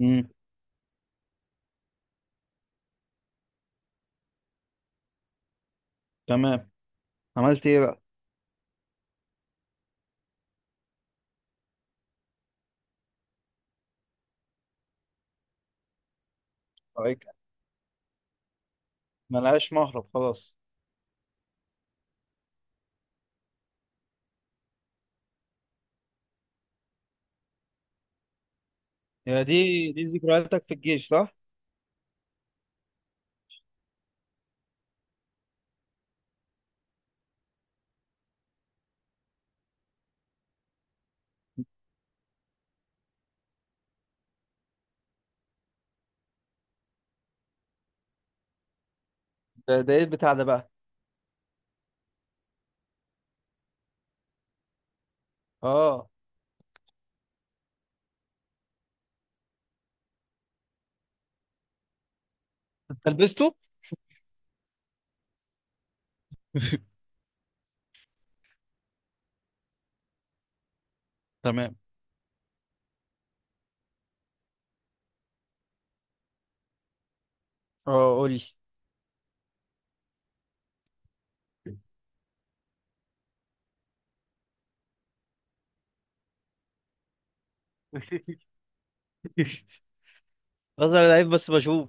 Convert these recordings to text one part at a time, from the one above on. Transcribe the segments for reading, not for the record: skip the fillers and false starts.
امم. تمام. عملت ايه بقى؟ طيب، ملهاش مهرب خلاص. يا دي دي ذكرياتك في الجيش، صح؟ ده ايه البتاع ده بقى؟ اه، انت لبسته؟ تمام. اه، قول لي. بظهر لعيب بس بشوف.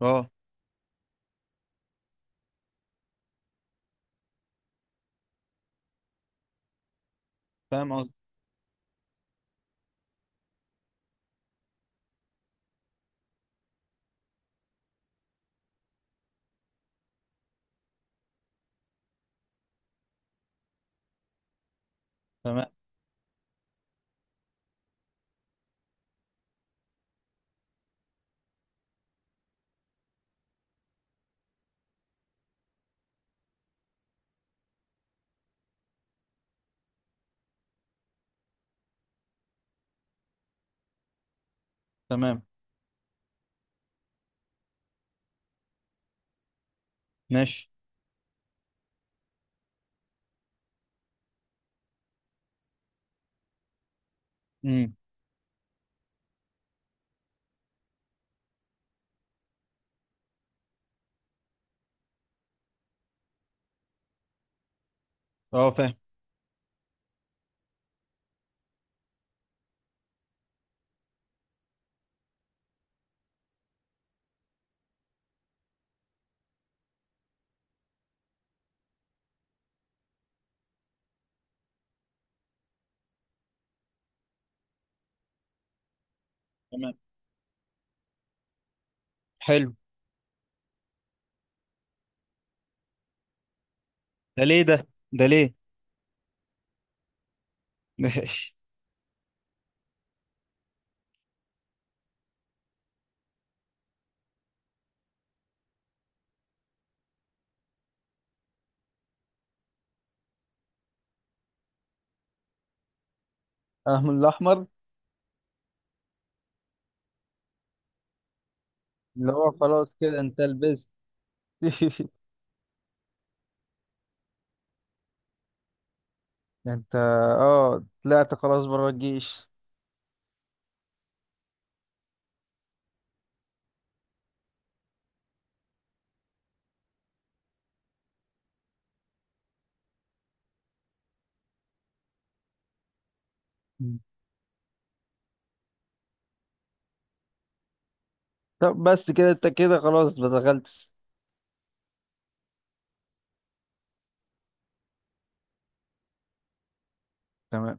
اه، فاهم قصدي. تمام. تمام. ماشي. امم. اه، فاهم. تمام. حلو. ده ليه ده؟ ده ليه؟ ماشي. اهم الاحمر؟ اللي هو خلاص كده انت لبست. انت؟ اه، طلعت خلاص بره الجيش؟ طب بس كده انت كده خلاص ما دخلتش؟ تمام.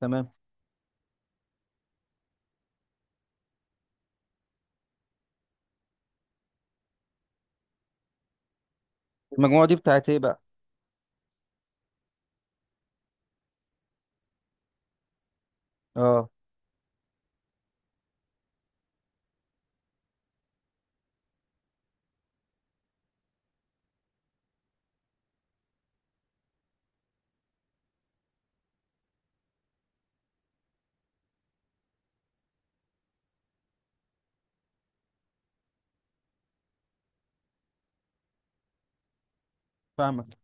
تمام. المجموعة دي بتاعت ايه بقى؟ اه، فاهمك.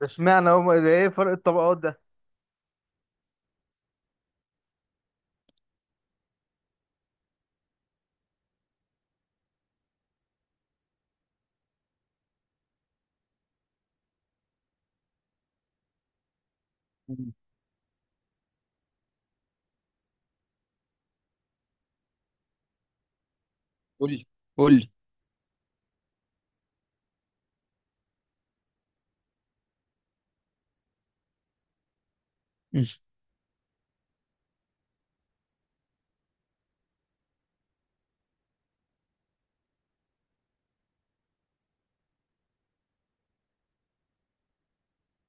ده اشمعنى هم؟ ده ايه فرق الطبقات ده؟ مم. قول لي. قول لي.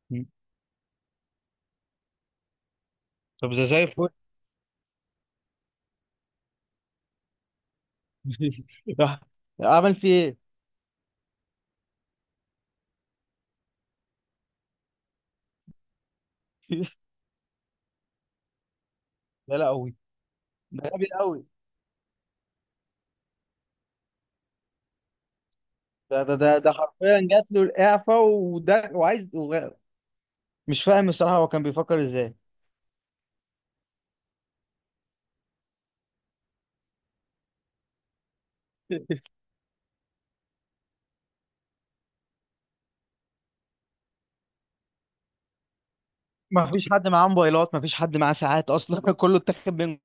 مم. طب ده زي الفل. قول لي. راح عمل فيه ايه؟ ده لا قوي. ده غبي قوي. ده حرفيا جات له الإعفاء، وده وعايز وغ-. مش فاهم الصراحة، هو كان بيفكر ازاي؟ ما فيش حد معاه موبايلات، ما فيش حد معاه ساعات اصلا. كله اتاخد منه.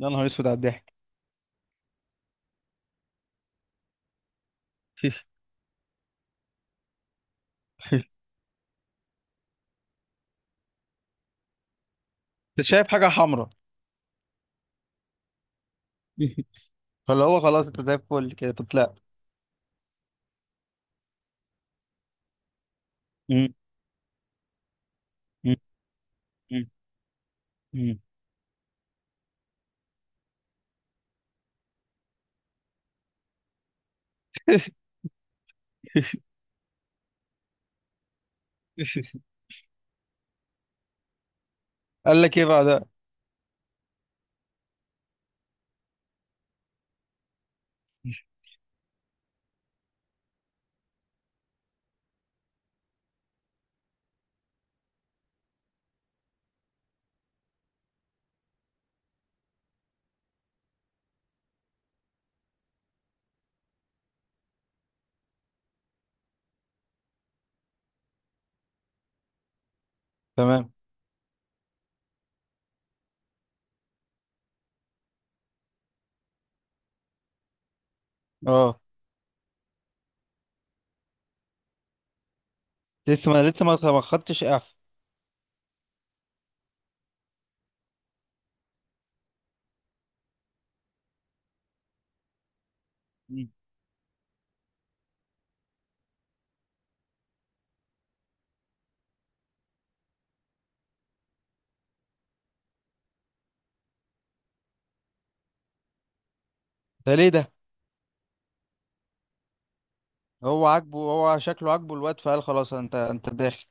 يا نهار اسود على الضحك. انت شايف حاجة حمراء؟ فاللي هو خلاص انت زي الفل كده تطلع. مم، مم، مم، مم. قال لك ايه بعدها؟ تمام. اه، لسه، ما لسه ما خدتش اعفاء. مم. ده ليه ده؟ هو عاجبه، هو شكله عاجبه الواد، فقال خلاص انت داخل.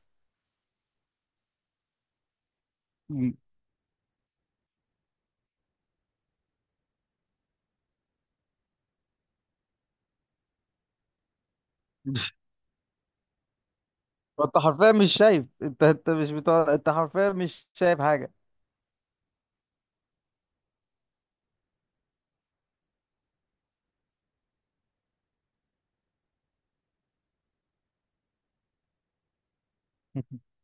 مم. انت حرفيا مش شايف، انت مش بتاع، انت حرفيا مش شايف حاجه.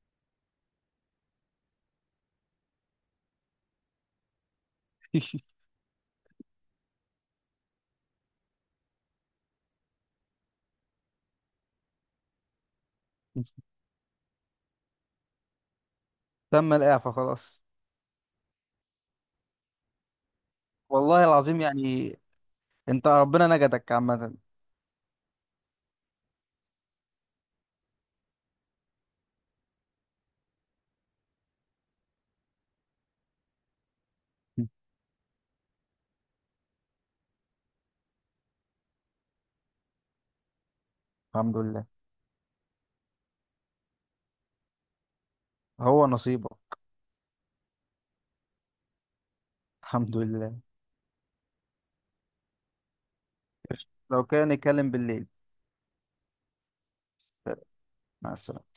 تم الاعفاء خلاص؟ والله العظيم يعني. انت ربنا نجدك عامه. الحمد لله. هو نصيبه. الحمد لله. لو كان يتكلم بالليل. مع السلامة.